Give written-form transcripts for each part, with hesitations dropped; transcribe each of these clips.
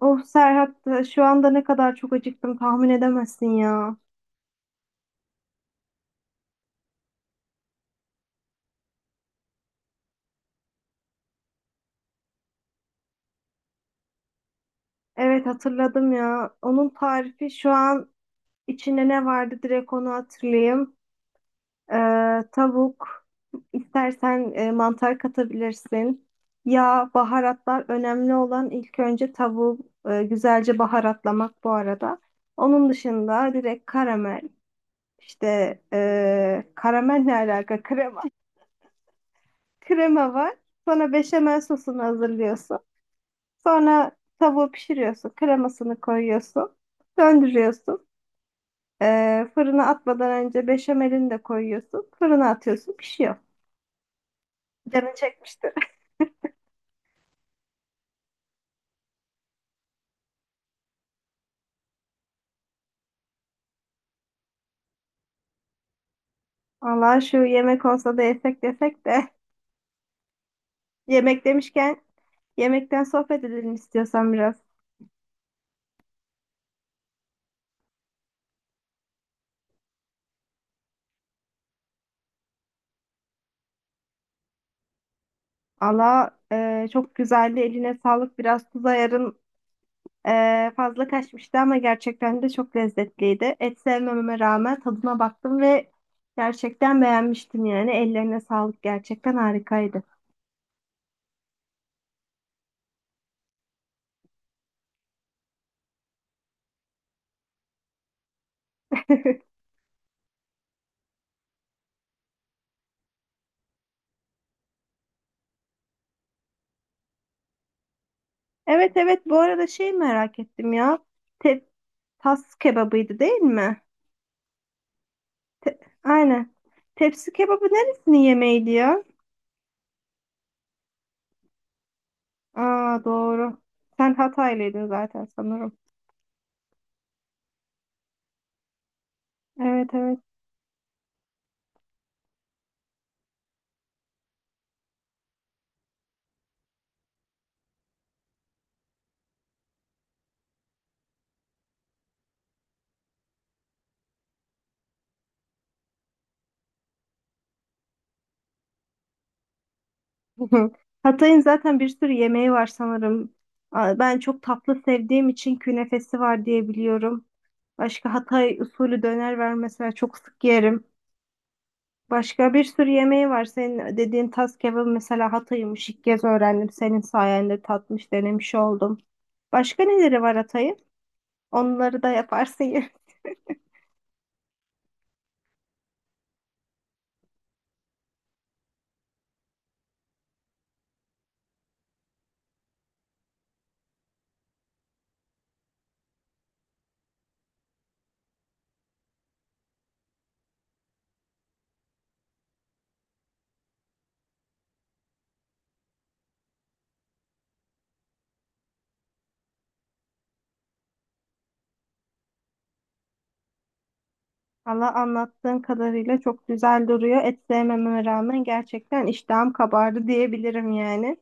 Of Serhat şu anda ne kadar çok acıktım tahmin edemezsin ya. Evet hatırladım ya. Onun tarifi şu an içinde ne vardı direkt onu hatırlayayım. Tavuk, istersen mantar katabilirsin. Yağ, baharatlar, önemli olan ilk önce tavuğu güzelce baharatlamak bu arada. Onun dışında direkt karamel, işte karamel ne alaka, krema. Krema var. Sonra beşamel sosunu hazırlıyorsun. Sonra tavuğu pişiriyorsun. Kremasını koyuyorsun. Döndürüyorsun. Fırına atmadan önce beşamelini de koyuyorsun. Fırına atıyorsun. Pişiyor. Canın çekmiştir. Allah şu yemek olsa da yesek desek de. Yemek demişken yemekten sohbet edelim istiyorsan biraz. Allah çok güzeldi. Eline sağlık. Biraz tuz ayarın fazla kaçmıştı ama gerçekten de çok lezzetliydi. Et sevmememe rağmen tadına baktım ve gerçekten beğenmiştim yani. Ellerine sağlık, gerçekten harikaydı. Evet, bu arada şey merak ettim ya. Te Tas kebabıydı değil mi? Te- Aynen. Tepsi kebabı neresinin yemeğiydi ya? Aa, doğru. Sen Hataylıydın zaten sanırım. Evet. Hı hı. Hatay'ın zaten bir sürü yemeği var sanırım. Ben çok tatlı sevdiğim için künefesi var diye biliyorum. Başka Hatay usulü döner var mesela, çok sık yerim. Başka bir sürü yemeği var. Senin dediğin tas kebabı mesela Hatay'ımış. İlk kez öğrendim. Senin sayende tatmış, denemiş oldum. Başka neleri var Hatay'ın? Onları da yaparsın ya. Valla anlattığın kadarıyla çok güzel duruyor. Et sevmeme rağmen gerçekten iştahım kabardı diyebilirim yani.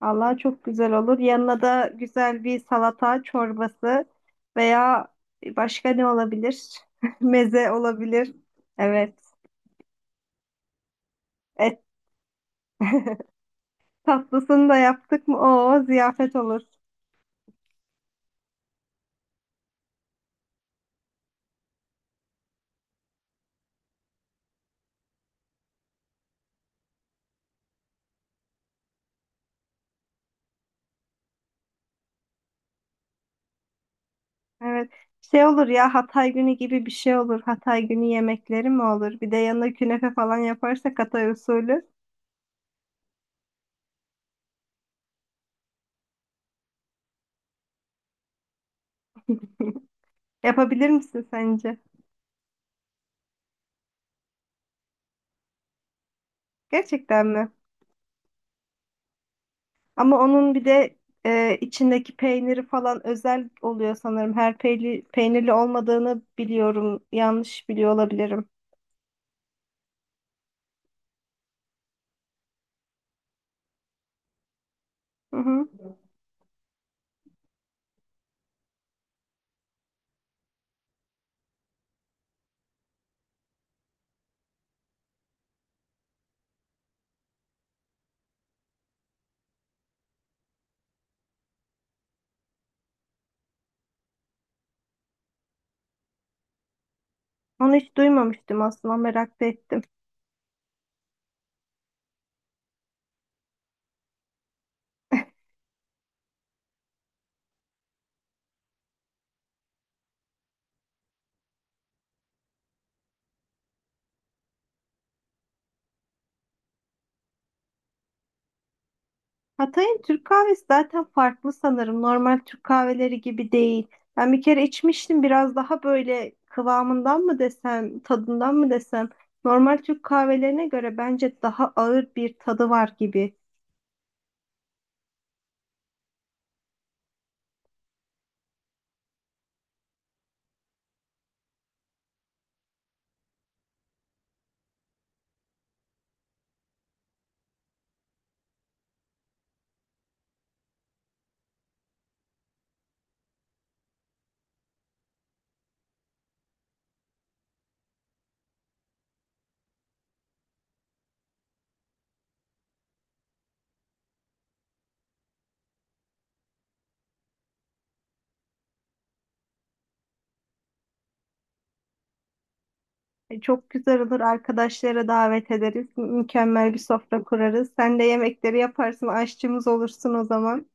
Allah çok güzel olur. Yanına da güzel bir salata, çorbası veya başka ne olabilir? Meze olabilir. Evet. Et tatlısını da yaptık mı? Oo, ziyafet olur. Evet. Şey olur ya, Hatay günü gibi bir şey olur. Hatay günü yemekleri mi olur? Bir de yanına künefe falan yaparsak Hatay usulü. Yapabilir misin sence? Gerçekten mi? Ama onun bir de içindeki peyniri falan özel oluyor sanırım. Her peynirli olmadığını biliyorum. Yanlış biliyor olabilirim. Hı hı. Onu hiç duymamıştım, aslında merak da ettim. Hatay'ın Türk kahvesi zaten farklı sanırım. Normal Türk kahveleri gibi değil. Ben bir kere içmiştim, biraz daha böyle kıvamından mı desem, tadından mı desem. Normal Türk kahvelerine göre bence daha ağır bir tadı var gibi. Çok güzel olur. Arkadaşlara davet ederiz. Mükemmel bir sofra kurarız. Sen de yemekleri yaparsın. Aşçımız olursun o zaman.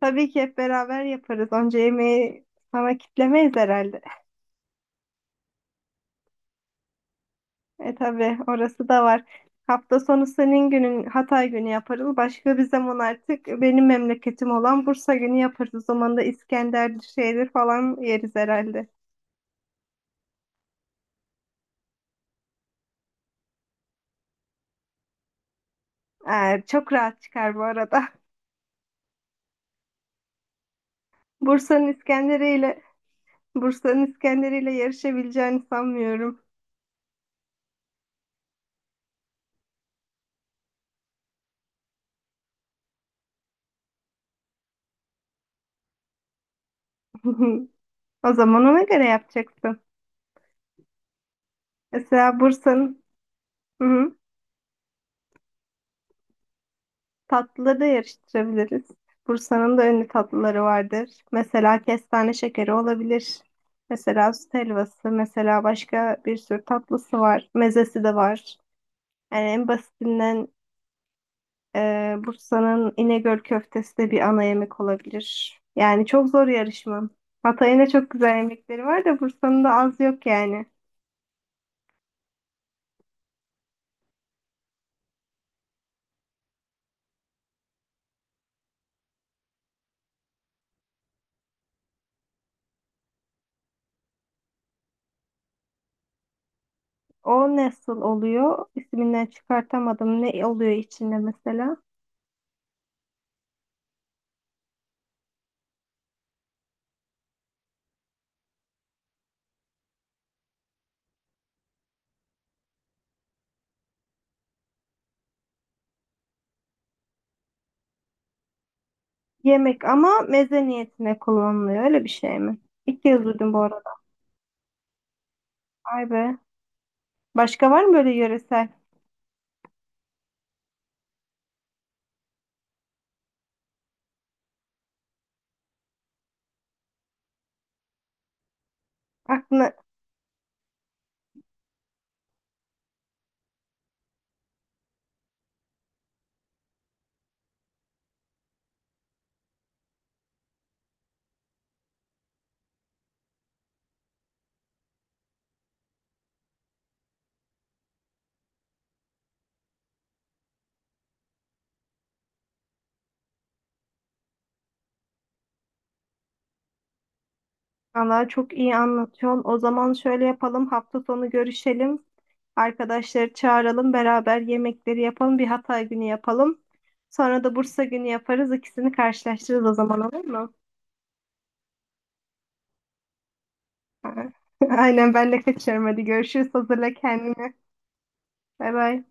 Tabii ki hep beraber yaparız. Onca yemeği sana kitlemeyiz herhalde. E tabii, orası da var. Hafta sonu senin günün, Hatay günü yaparız. Başka bir zaman artık benim memleketim olan Bursa günü yaparız. O zaman da İskender şeyler falan yeriz herhalde. Çok rahat çıkar bu arada. Bursa'nın İskenderiyle Bursa'nın İskenderiyle yarışabileceğini sanmıyorum. O zaman ona göre yapacaksın. Mesela Bursa'nın, hı hı, tatlıları da yarıştırabiliriz. Bursa'nın da ünlü tatlıları vardır. Mesela kestane şekeri olabilir. Mesela süt helvası, mesela başka bir sürü tatlısı var. Mezesi de var. Yani en basitinden Bursa'nın İnegöl köftesi de bir ana yemek olabilir. Yani çok zor yarışma. Hatay'ın da çok güzel yemekleri var da Bursa'nın da az yok yani. O nasıl oluyor? İsminden çıkartamadım. Ne oluyor içinde mesela? Yemek ama meze niyetine kullanılıyor, öyle bir şey mi? İlk kez duydum bu arada. Ay be. Başka var mı böyle yöresel? Aklına. Allah çok iyi anlatıyorsun. O zaman şöyle yapalım. Hafta sonu görüşelim. Arkadaşları çağıralım. Beraber yemekleri yapalım. Bir Hatay günü yapalım. Sonra da Bursa günü yaparız. İkisini karşılaştırırız, o zaman olur mu? Ha. Aynen, ben de kaçıyorum. Hadi görüşürüz. Hazırla kendini. Bay bay.